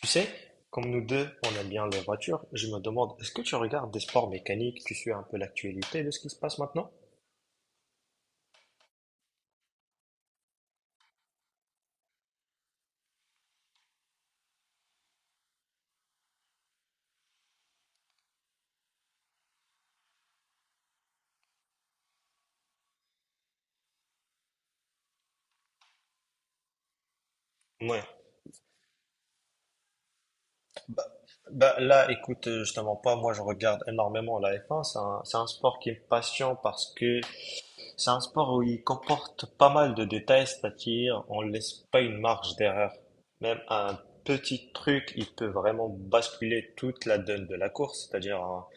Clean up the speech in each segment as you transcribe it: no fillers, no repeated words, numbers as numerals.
Tu sais, comme nous deux, on aime bien les voitures, je me demande, est-ce que tu regardes des sports mécaniques, tu suis un peu l'actualité de ce qui se passe maintenant? Ouais. Bah, bah, là, écoute, je te mens pas, moi je regarde énormément la F1, c'est un sport qui me passionne parce que c'est un sport où il comporte pas mal de détails, c'est-à-dire on laisse pas une marge d'erreur. Même un petit truc, il peut vraiment basculer toute la donne de la course,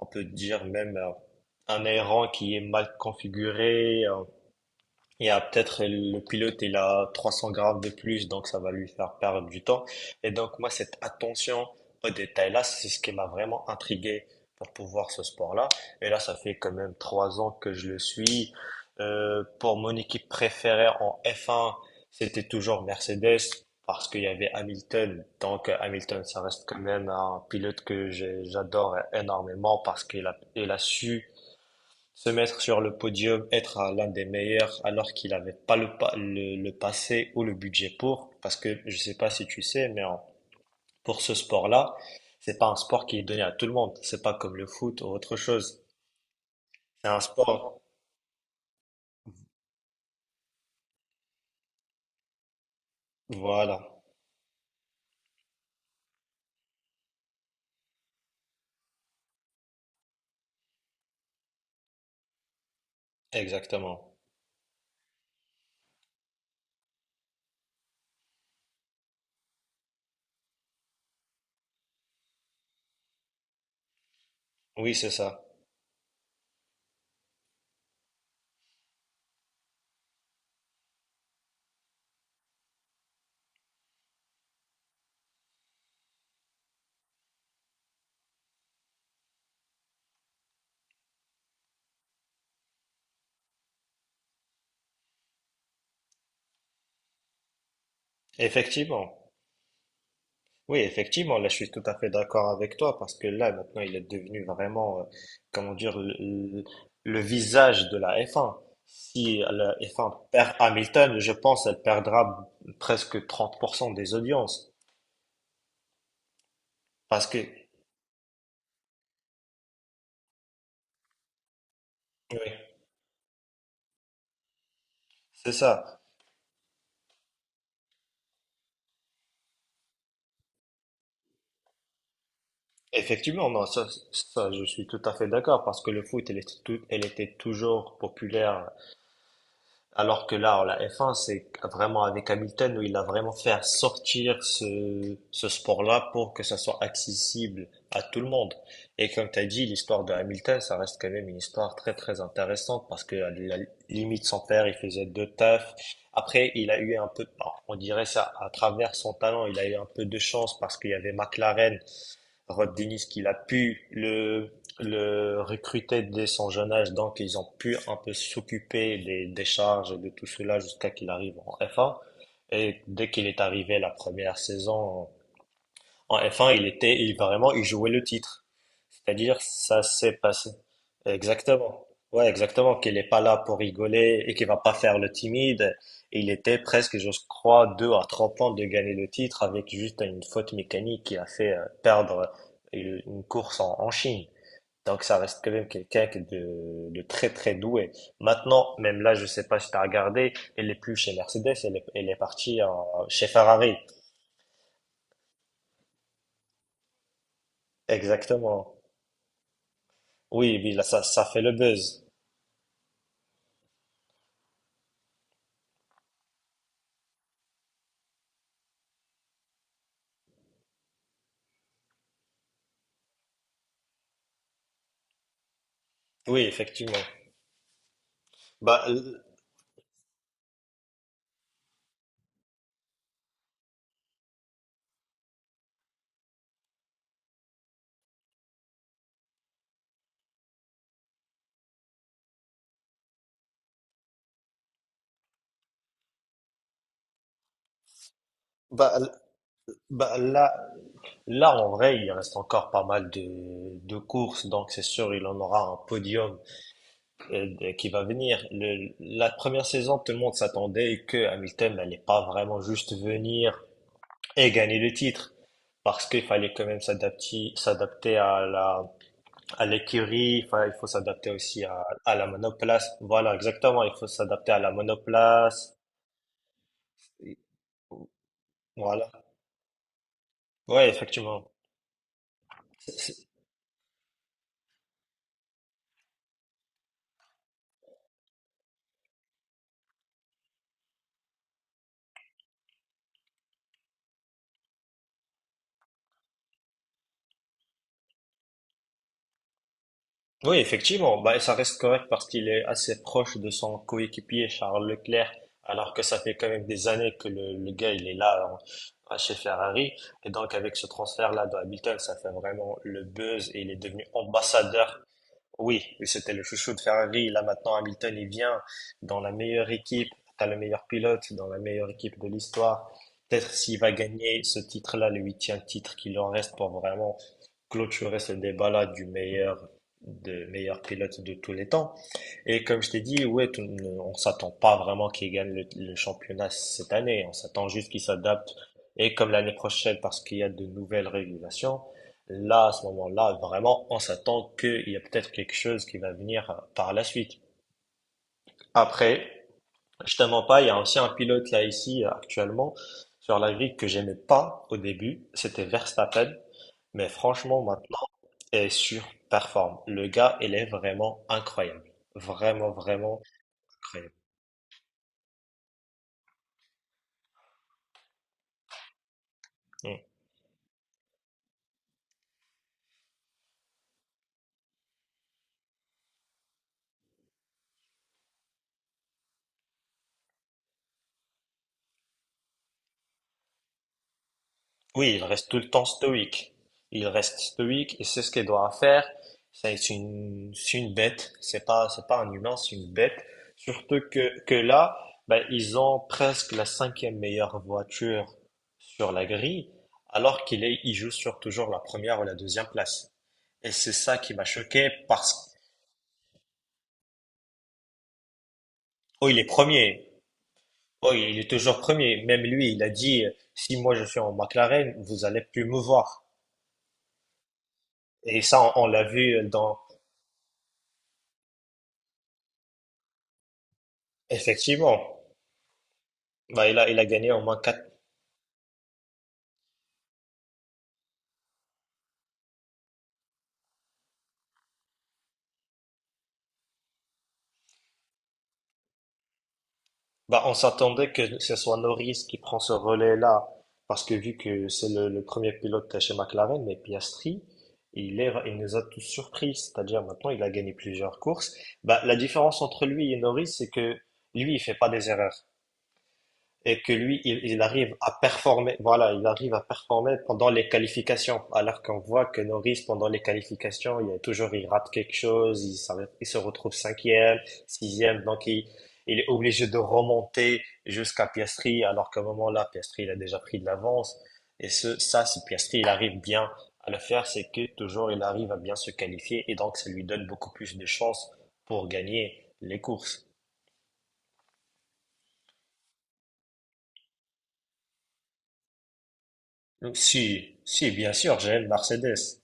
on peut dire même un aileron qui est mal configuré, il y a peut-être le pilote, il a 300 grammes de plus, donc ça va lui faire perdre du temps. Et donc, moi, cette attention aux détails-là, c'est ce qui m'a vraiment intrigué pour pouvoir ce sport-là. Et là, ça fait quand même 3 ans que je le suis. Pour mon équipe préférée en F1, c'était toujours Mercedes parce qu'il y avait Hamilton. Donc, Hamilton, ça reste quand même un pilote que j'adore énormément parce qu'il a su se mettre sur le podium, être à l'un des meilleurs alors qu'il n'avait pas le passé ou le budget pour, parce que je sais pas si tu sais, mais pour ce sport-là, c'est pas un sport qui est donné à tout le monde. C'est pas comme le foot ou autre chose. C'est un sport. Voilà, exactement. Oui, c'est ça. Effectivement. Oui, effectivement, là je suis tout à fait d'accord avec toi parce que là maintenant il est devenu vraiment, comment dire, le visage de la F1. Si la F1 perd Hamilton, je pense elle perdra presque 30% des audiences parce que, oui, c'est ça. Effectivement, non, ça je suis tout à fait d'accord parce que le foot elle était, elle était toujours populaire. Alors que là, la F1, c'est vraiment avec Hamilton où il a vraiment fait sortir ce sport-là pour que ça soit accessible à tout le monde. Et comme tu as dit, l'histoire de Hamilton, ça reste quand même une histoire très très intéressante parce que à la limite, son père, il faisait deux tafs. Après, il a eu un peu, bon, on dirait ça, à travers son talent, il a eu un peu de chance parce qu'il y avait McLaren Rod Dennis qu'il a pu le recruter dès son jeune âge, donc ils ont pu un peu s'occuper des charges et de tout cela jusqu'à qu'il arrive en F1. Et dès qu'il est arrivé la première saison, en F1, il était, il vraiment, il jouait le titre. C'est-à-dire, ça s'est passé. Exactement. Ouais, exactement. Qu'il n'est pas là pour rigoler et qu'il va pas faire le timide. Et il était presque, je crois, deux à trois points de gagner le titre avec juste une faute mécanique qui a fait perdre une course en Chine. Donc ça reste quand même quelqu'un qui est de très très doué. Maintenant, même là, je sais pas si tu as regardé, elle est plus chez Mercedes, elle est partie chez Ferrari. Exactement. Oui, oui, là, ça fait le buzz. Oui, effectivement. Bah, l- bah, l- bah, là, là, en vrai, il reste encore pas mal de courses, donc c'est sûr, il en aura un podium, qui va venir. La première saison, tout le monde s'attendait que Hamilton n'allait pas vraiment juste venir et gagner le titre, parce qu'il fallait quand même s'adapter, s'adapter à l'écurie, il faut s'adapter aussi à la monoplace. Voilà, exactement, il faut s'adapter à la monoplace. Voilà. Ouais, effectivement. C'est- c'est- Oui, effectivement. Bah, ça reste correct parce qu'il est assez proche de son coéquipier Charles Leclerc, alors que ça fait quand même des années que le gars il est là hein, chez Ferrari. Et donc avec ce transfert-là de Hamilton, ça fait vraiment le buzz et il est devenu ambassadeur. Oui, c'était le chouchou de Ferrari. Là maintenant, Hamilton il vient dans la meilleure équipe, t'as le meilleur pilote, dans la meilleure équipe de l'histoire. Peut-être s'il va gagner ce titre-là, le huitième titre qu'il en reste pour vraiment clôturer ce débat-là du meilleur de meilleur pilote de tous les temps. Et comme je t'ai dit, ouais, on s'attend pas vraiment qu'il gagne le championnat cette année. On s'attend juste qu'il s'adapte. Et comme l'année prochaine, parce qu'il y a de nouvelles régulations, là, à ce moment-là, vraiment, on s'attend qu'il y a peut-être quelque chose qui va venir par la suite. Après, je te mens pas, il y a aussi un pilote là ici actuellement sur la grille que j'aimais pas au début, c'était Verstappen, mais franchement maintenant, il surperforme. Le gars, il est vraiment incroyable. Vraiment, vraiment incroyable. Mm. Oui, il reste tout le temps stoïque. Il reste stoïque et c'est ce qu'il doit faire. C'est une bête. C'est pas un humain, c'est une bête. Surtout que là, ben, ils ont presque la cinquième meilleure voiture sur la grille, alors qu'il joue sur toujours la première ou la deuxième place. Et c'est ça qui m'a choqué parce que, oh, il est premier. Oh, il est toujours premier. Même lui, il a dit, si moi je suis en McLaren, vous allez plus me voir. Et ça, on l'a vu dans, effectivement. Bah, il a gagné au moins quatre. Bah, on s'attendait que ce soit Norris qui prend ce relais-là, parce que vu que c'est le premier pilote chez McLaren, mais Piastri, il nous a tous surpris. C'est-à-dire maintenant, il a gagné plusieurs courses. Bah, la différence entre lui et Norris, c'est que lui, il fait pas des erreurs. Et que lui, il arrive à performer. Voilà, il arrive à performer pendant les qualifications. Alors qu'on voit que Norris, pendant les qualifications, il y a toujours, il rate quelque chose, il se retrouve cinquième, sixième, donc il est obligé de remonter jusqu'à Piastri, alors qu'à un moment-là, Piastri, il a déjà pris de l'avance. Ça, si Piastri, il arrive bien à le faire, c'est que toujours, il arrive à bien se qualifier et donc ça lui donne beaucoup plus de chances pour gagner les courses. Donc, si, bien sûr, j'aime Mercedes.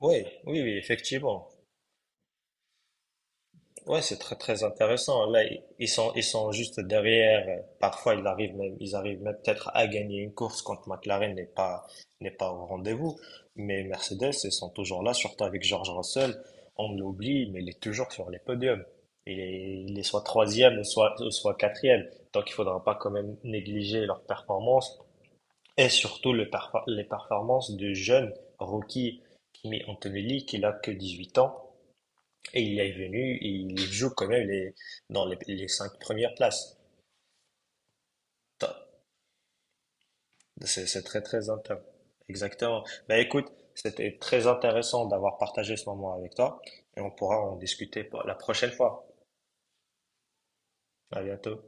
Oui, oui, oui, effectivement. Ouais, c'est très très intéressant. Là, ils sont juste derrière. Parfois, ils arrivent même peut-être à gagner une course quand McLaren n'est pas au rendez-vous. Mais Mercedes, ils sont toujours là, surtout avec George Russell. On l'oublie, mais il est toujours sur les podiums. Il est soit troisième, ou soit quatrième. Donc, il faudra pas quand même négliger leurs performances et surtout les performances du jeune rookie Kimi Antonelli qui n'a que 18 ans. Et il est venu, et il joue quand même dans les cinq premières places. Top. C'est très très intéressant. Exactement. Bah écoute, c'était très intéressant d'avoir partagé ce moment avec toi et on pourra en discuter pour la prochaine fois. À bientôt.